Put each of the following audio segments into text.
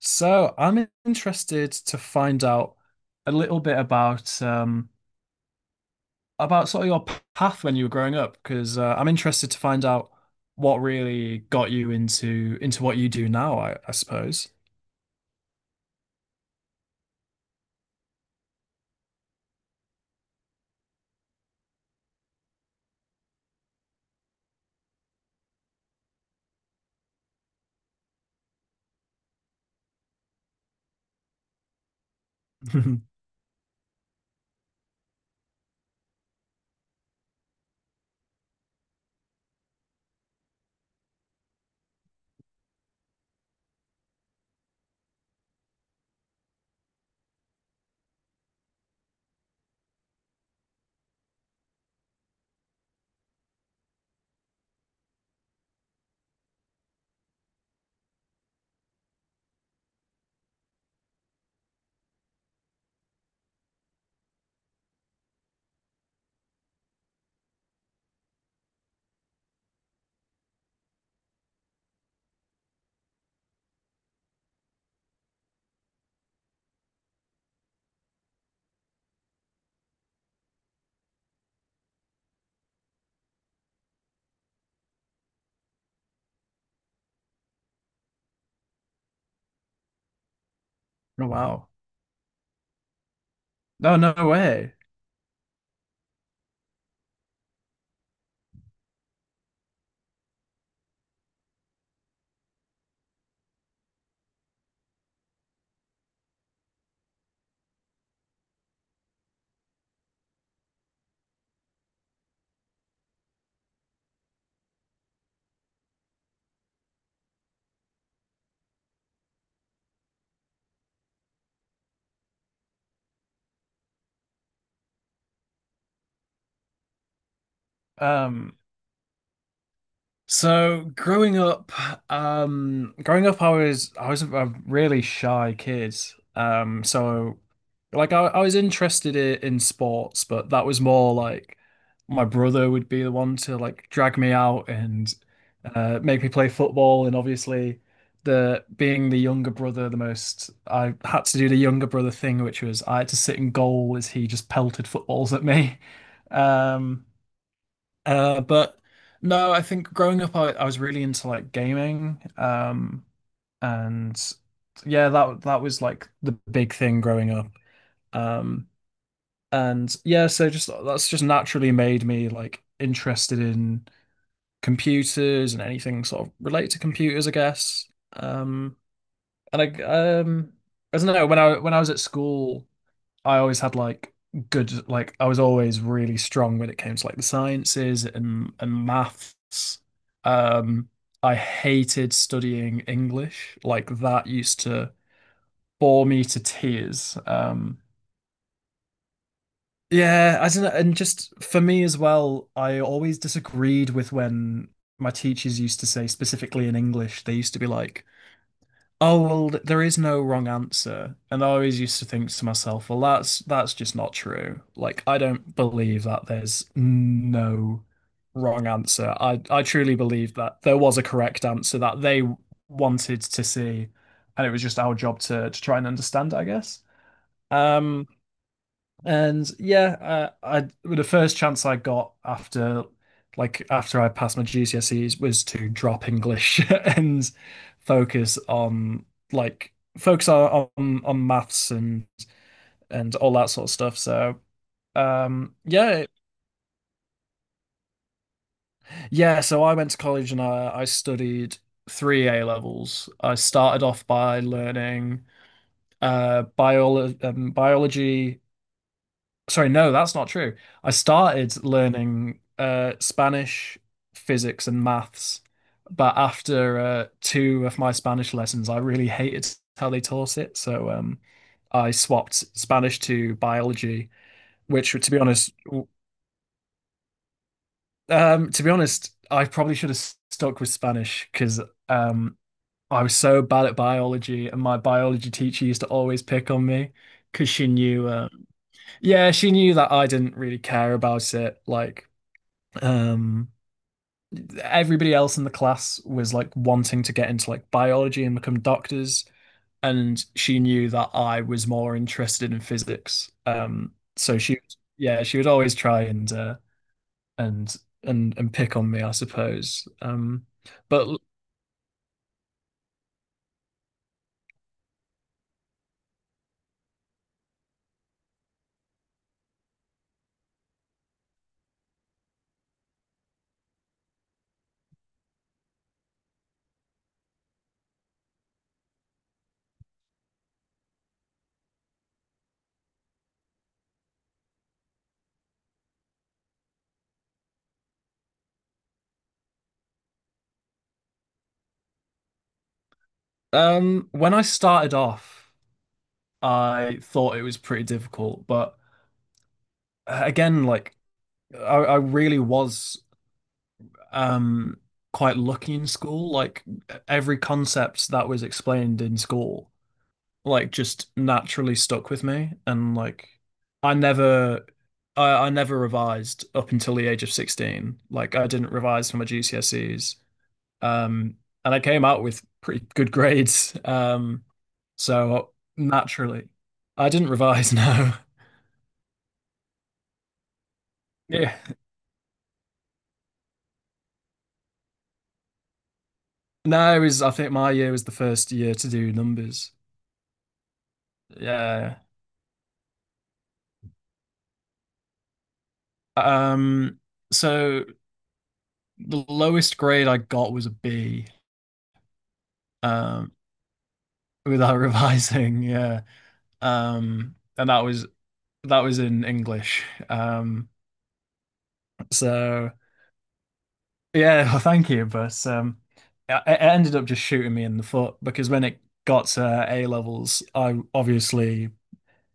So, I'm interested to find out a little bit about sort of your path when you were growing up, because I'm interested to find out what really got you into what you do now, I suppose. Oh wow. No, no way. Um, So growing up, I was a really shy kid. So like I was interested in sports, but that was more like my brother would be the one to like drag me out and make me play football. And obviously, the being the younger brother, the most I had to do the younger brother thing, which was I had to sit in goal as he just pelted footballs at me. Um, but no, I think growing up, I was really into like gaming. And yeah, that was like the big thing growing up. Um, and yeah, so just that's just naturally made me like interested in computers and anything sort of related to computers, I guess. And um, I don't know when I was at school. I always had like good like I was always really strong when it came to like the sciences and maths. Um, I hated studying English. Like that used to bore me to tears. Yeah, I don't know, and just for me as well, I always disagreed with when my teachers used to say specifically in English, they used to be like oh well, there is no wrong answer, and I always used to think to myself, well, that's just not true. Like, I don't believe that there's no wrong answer. I truly believe that there was a correct answer that they wanted to see, and it was just our job to try and understand it, I guess. Um, and yeah, I well, the first chance I got after after I passed my GCSEs was to drop English and focus on like focus on maths and all that sort of stuff. So yeah, yeah, so I went to college and I studied three A levels. I started off by learning biology. Sorry, no, that's not true. I started learning Spanish, physics, and maths, but after two of my Spanish lessons, I really hated how they taught it. So I swapped Spanish to biology, which, to be honest, to be honest, I probably should have stuck with Spanish because um, I was so bad at biology, and my biology teacher used to always pick on me because she knew. Yeah, she knew that I didn't really care about it. Like, um, everybody else in the class was like wanting to get into like biology and become doctors, and she knew that I was more interested in physics. So she, yeah, she would always try and and and pick on me, I suppose. But when I started off, I thought it was pretty difficult, but again, like I really was um quite lucky in school. Like every concept that was explained in school, like just naturally stuck with me, and like I never. I never revised up until the age of 16. Like I didn't revise for my GCSEs. Um, and I came out with pretty good grades. So naturally, I didn't revise no. Yeah. No, it was I think my year was the first year to do numbers. Yeah. Um, so the lowest grade I got was a B, um, without revising, yeah. And that was in English. Um, so yeah, well, thank you, but it it ended up just shooting me in the foot because when it got to A levels, I obviously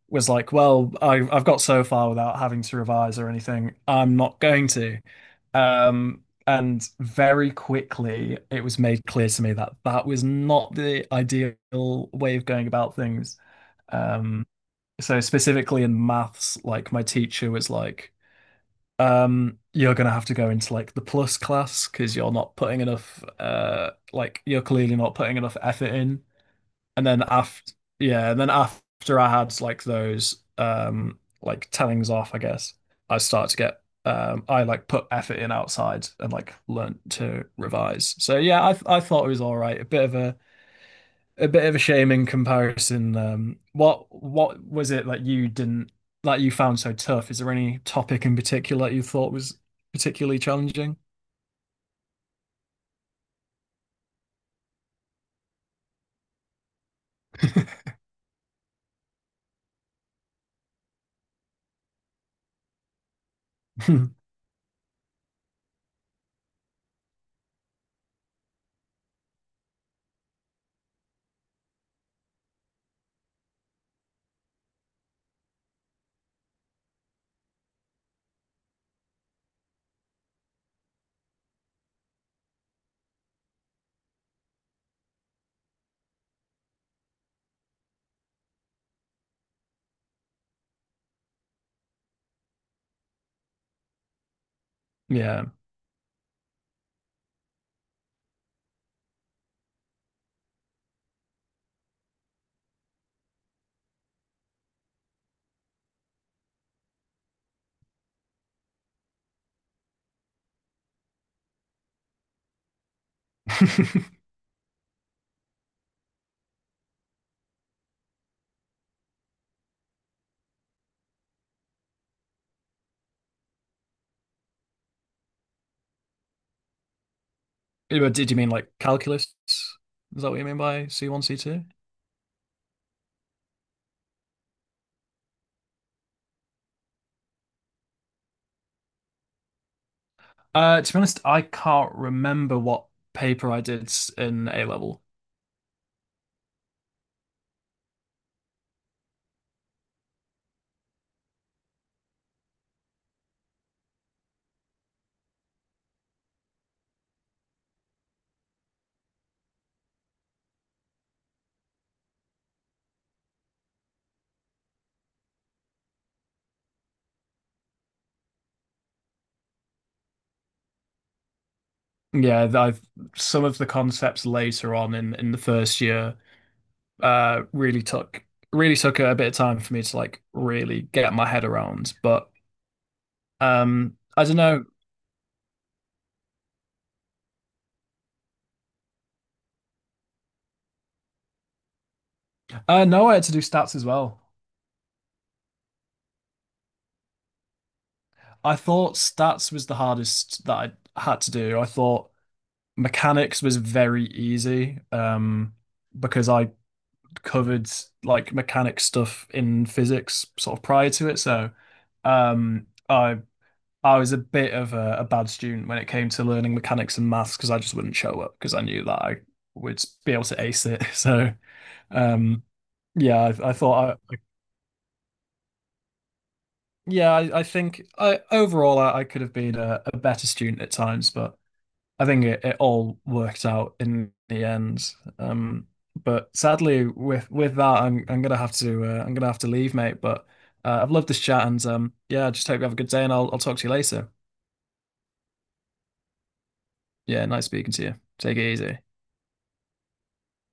was like, well, I've got so far without having to revise or anything. I'm not going to. Um, and very quickly, it was made clear to me that that was not the ideal way of going about things. Um, so specifically in maths, like my teacher was like, you're gonna have to go into like the plus class because you're not putting enough, like you're clearly not putting enough effort in. And then after yeah and then after I had like those like tellings off I guess I start to get I like put effort in outside and like learnt to revise. So yeah I thought it was all right. A bit of a bit of a shame in comparison. Um what was it that you didn't that you found so tough? Is there any topic in particular that you thought was particularly challenging? Yeah. But did you mean like calculus is that what you mean by C1 C2? To be honest, I can't remember what paper I did in A level. Yeah, I've some of the concepts later on in the first year uh really took really took a bit of time for me to like really get my head around. But I don't know. No, I had to do stats as well. I thought stats was the hardest that I had to do. I thought mechanics was very easy because I covered like mechanic stuff in physics sort of prior to it. So um, I I was a bit of a bad student when it came to learning mechanics and maths because I just wouldn't show up because I knew that I would be able to ace it. So um, yeah, I thought I yeah I think I overall, I could have been a better student at times, but I think it, it all worked out in the end. Um, but sadly, with that, I'm gonna have to I'm gonna have to leave, mate. But I've loved this chat, and yeah, I just hope you have a good day, and I'll talk to you later. Yeah, nice speaking to you. Take it easy.